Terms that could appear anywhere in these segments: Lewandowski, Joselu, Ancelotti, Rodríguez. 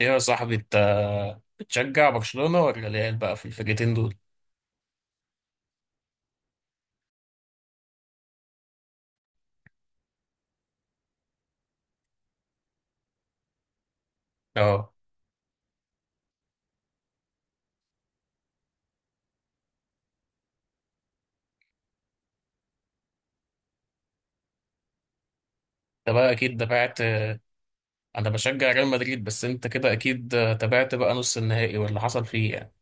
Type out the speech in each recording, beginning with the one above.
ايه يا صاحبي انت بتشجع برشلونة ولا الريال بقى في الفرقتين دول؟ اه، انت بقى اكيد تابعت. انا بشجع ريال مدريد، بس انت كده اكيد تابعت بقى نص النهائي واللي حصل فيه يعني.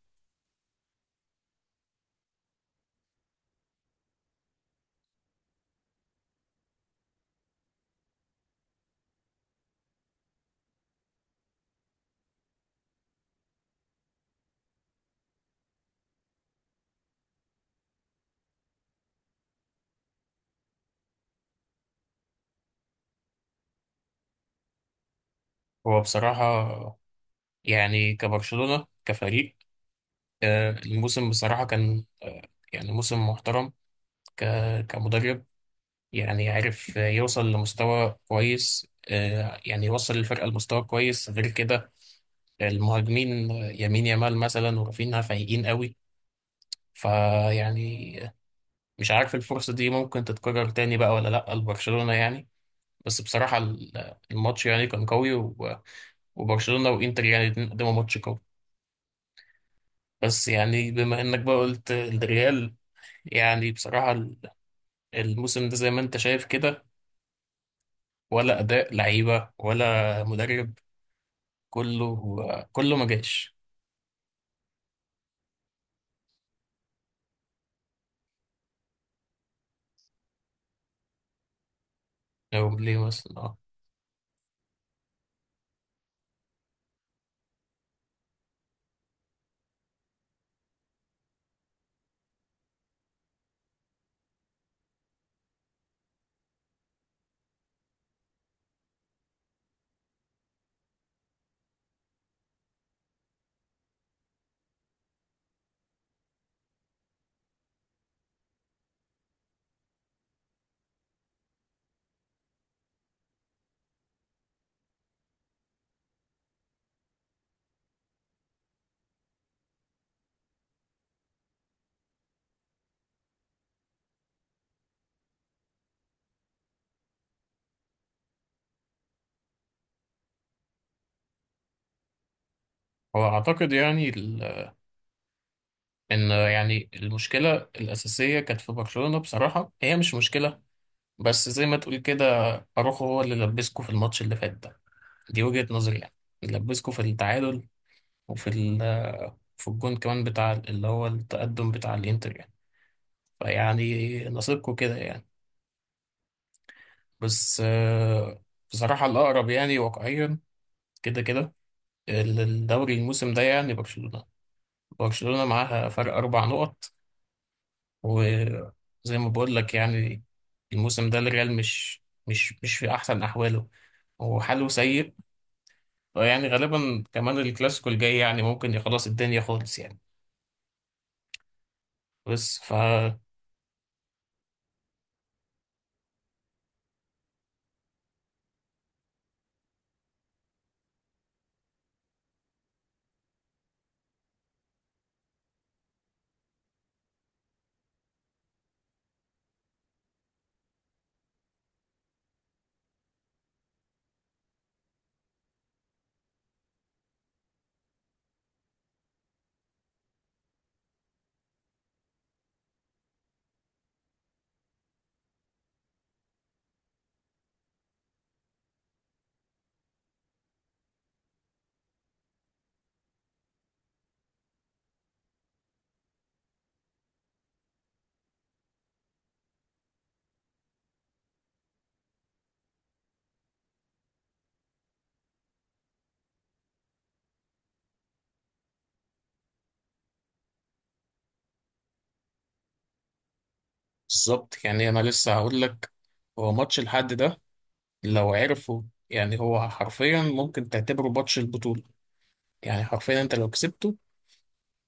هو بصراحة يعني كبرشلونة كفريق، الموسم بصراحة كان يعني موسم محترم. كمدرب يعني عارف يوصل لمستوى كويس، يعني يوصل الفرقة لمستوى كويس. غير كده المهاجمين يمين يامال مثلا ورافينها فايقين قوي. فيعني مش عارف الفرصة دي ممكن تتكرر تاني بقى ولا لأ لبرشلونة يعني. بس بصراحة الماتش يعني كان قوي وبرشلونة وإنتر يعني الاتنين قدموا ماتش قوي. بس يعني بما إنك بقى قلت الريال، يعني بصراحة الموسم ده زي ما أنت شايف كده، ولا أداء لعيبة ولا مدرب، كله ما جاش. لو ليه مثلا اه. هو أعتقد يعني إن يعني المشكلة الأساسية كانت في برشلونة بصراحة، هي مش مشكلة، بس زي ما تقول كده، اروخو هو اللي لبسكو في الماتش اللي فات ده، دي وجهة نظري يعني. لبسكو في التعادل، وفي في الجون كمان بتاع اللي هو التقدم بتاع الانتر يعني. فيعني نصيبكو كده يعني. بس بصراحة الأقرب يعني واقعيا كده كده الدوري الموسم ده يعني برشلونة، معاها فرق أربع نقط. وزي ما بقول لك يعني الموسم ده الريال مش في أحسن أحواله. هو حاله سيء، يعني غالبا كمان الكلاسيكو الجاي يعني ممكن خلاص الدنيا خالص يعني. بس بالظبط يعني انا لسه هقول لك. هو ماتش الحد ده لو عرفه يعني هو حرفيا ممكن تعتبره ماتش البطولة. يعني حرفيا انت لو كسبته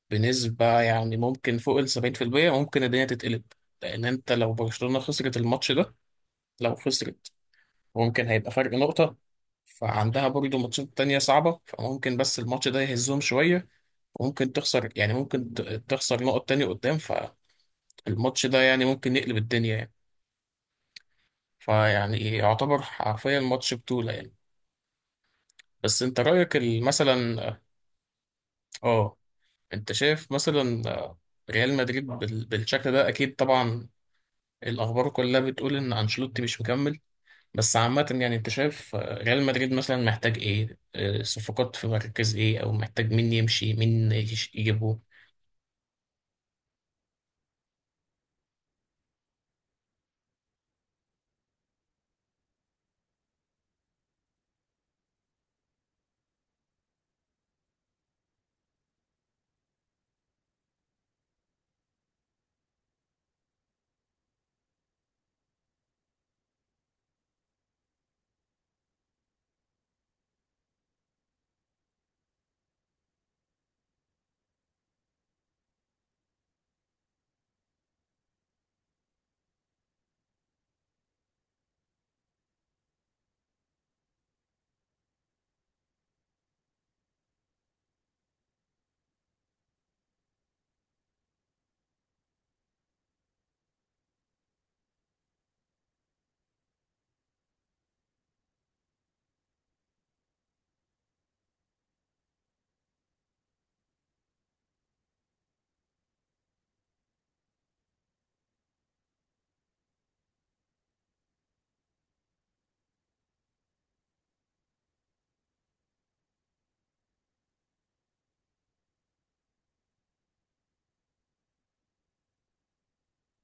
بنسبة يعني ممكن فوق ال 70%، ممكن الدنيا تتقلب. لان انت لو برشلونة خسرت الماتش ده، لو خسرت، ممكن هيبقى فرق نقطة. فعندها برضه ماتشات تانية صعبة، فممكن بس الماتش ده يهزهم شوية، وممكن تخسر يعني ممكن تخسر نقط تاني قدام. فالماتش ده يعني ممكن يقلب الدنيا يعني، فيعني يعتبر حرفيا ماتش بطولة يعني. بس انت رأيك مثلا اه. انت شايف مثلا ريال مدريد بالشكل ده اكيد طبعا، الاخبار كلها بتقول ان انشيلوتي مش مكمل. بس عامة يعني انت شايف ريال مدريد مثلا محتاج ايه، صفقات في مركز ايه، او محتاج مين يمشي مين يجيبه.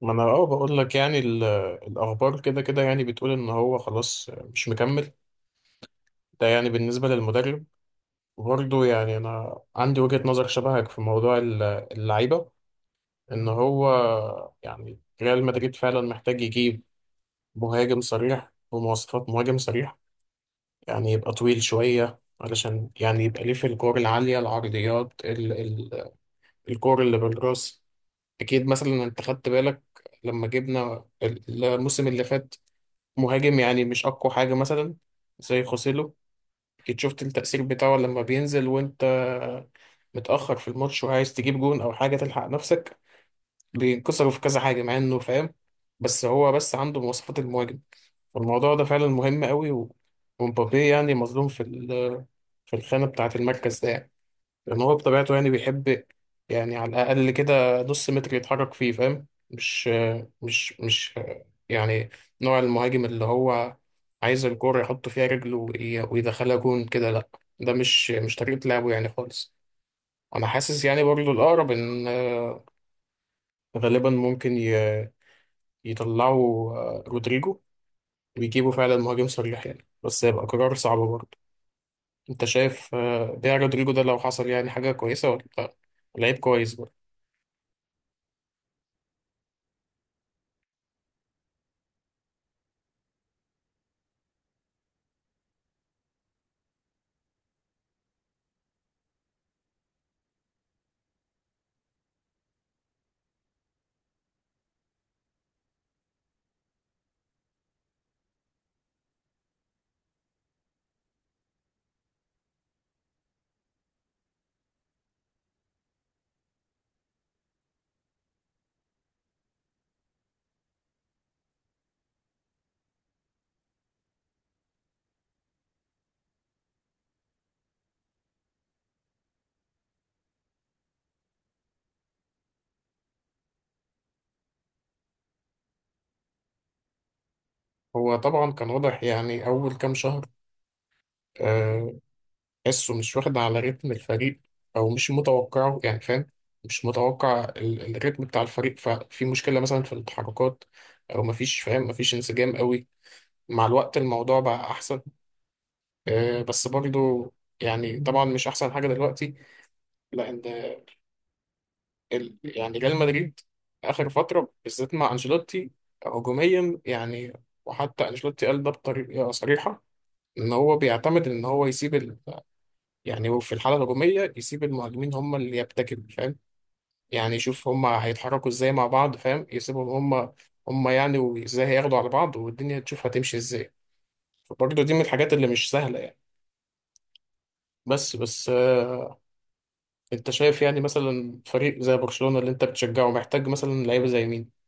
ما انا اه بقول لك يعني الاخبار كده كده يعني بتقول ان هو خلاص مش مكمل. ده يعني بالنسبه للمدرب. وبرضه يعني انا عندي وجهه نظر شبهك في موضوع اللعيبه. ان هو يعني ريال مدريد فعلا محتاج يجيب مهاجم صريح بمواصفات مهاجم صريح. يعني يبقى طويل شويه علشان يعني يبقى ليه في الكور العاليه، العرضيات ال ال الكور اللي بالراس. اكيد مثلا انت خدت بالك لما جبنا الموسم اللي فات مهاجم، يعني مش أقوى حاجة مثلا زي خوسيلو. أكيد شفت التأثير بتاعه لما بينزل وأنت متأخر في الماتش وعايز تجيب جون أو حاجة تلحق نفسك، بينكسروا في كذا حاجة، مع إنه فاهم بس هو بس عنده مواصفات المهاجم. والموضوع ده فعلا مهم قوي ومبابي يعني مظلوم في في الخانة بتاعة المركز ده يعني. لأن هو بطبيعته يعني بيحب، يعني على الأقل كده نص متر يتحرك فيه، فاهم؟ مش مش مش يعني نوع المهاجم اللي هو عايز الكورة يحط فيها رجله ويدخلها جون كده، لأ. ده مش طريقة لعبه يعني خالص. أنا حاسس يعني برضه الأقرب إن غالبا ممكن يطلعوا رودريجو ويجيبوا فعلا مهاجم صريح يعني، بس هيبقى قرار صعب برضه. أنت شايف بيع رودريجو ده لو حصل يعني حاجة كويسة ولا لأ؟ لعيب كويس. هو طبعا كان واضح يعني أول كام شهر آه، تحسه مش واخد على رتم الفريق، أو مش متوقعه يعني فاهم. مش متوقع الريتم بتاع الفريق، ففي مشكلة مثلا في التحركات أو مفيش، فاهم؟ مفيش انسجام قوي. مع الوقت الموضوع بقى أحسن، بس برضو يعني طبعا مش أحسن حاجة دلوقتي. لأن يعني ريال مدريد آخر فترة بالذات مع أنشيلوتي، هجوميا يعني، وحتى أنشيلوتي قال ده بطريقة صريحة، إن هو بيعتمد إن هو يسيب، يعني هو في الحاله الهجوميه يسيب المهاجمين هم اللي يبتكروا، فاهم؟ يعني يشوف هم هيتحركوا ازاي مع بعض، فاهم؟ يسيبهم هم يعني، وازاي هياخدوا على بعض والدنيا تشوف هتمشي ازاي. فبرضه دي من الحاجات اللي مش سهله يعني. بس، انت شايف يعني مثلا فريق زي برشلونه اللي انت بتشجعه محتاج مثلا لعيبه زي مين؟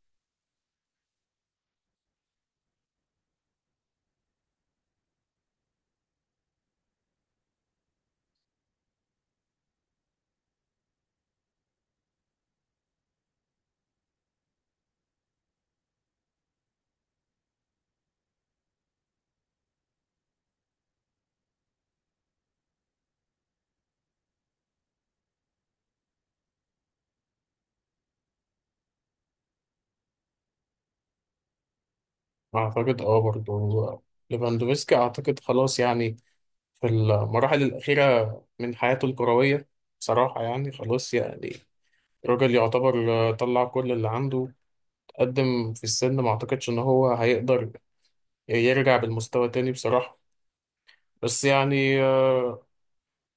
اعتقد اه برضه ليفاندوفسكي اعتقد خلاص يعني في المراحل الاخيره من حياته الكرويه. بصراحه يعني خلاص يعني الراجل يعتبر طلع كل اللي عنده. قدم في السن، ما اعتقدش ان هو هيقدر يرجع بالمستوى تاني بصراحة. بس يعني ان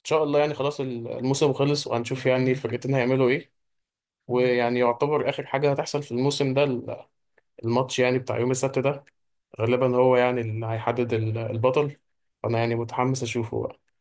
شاء الله يعني خلاص الموسم خلص، وهنشوف يعني الفرقتين هيعملوا ايه. ويعني يعتبر اخر حاجة هتحصل في الموسم ده الماتش يعني بتاع يوم السبت ده. غالبا هو يعني اللي هيحدد البطل. فانا يعني متحمس اشوفه بقى.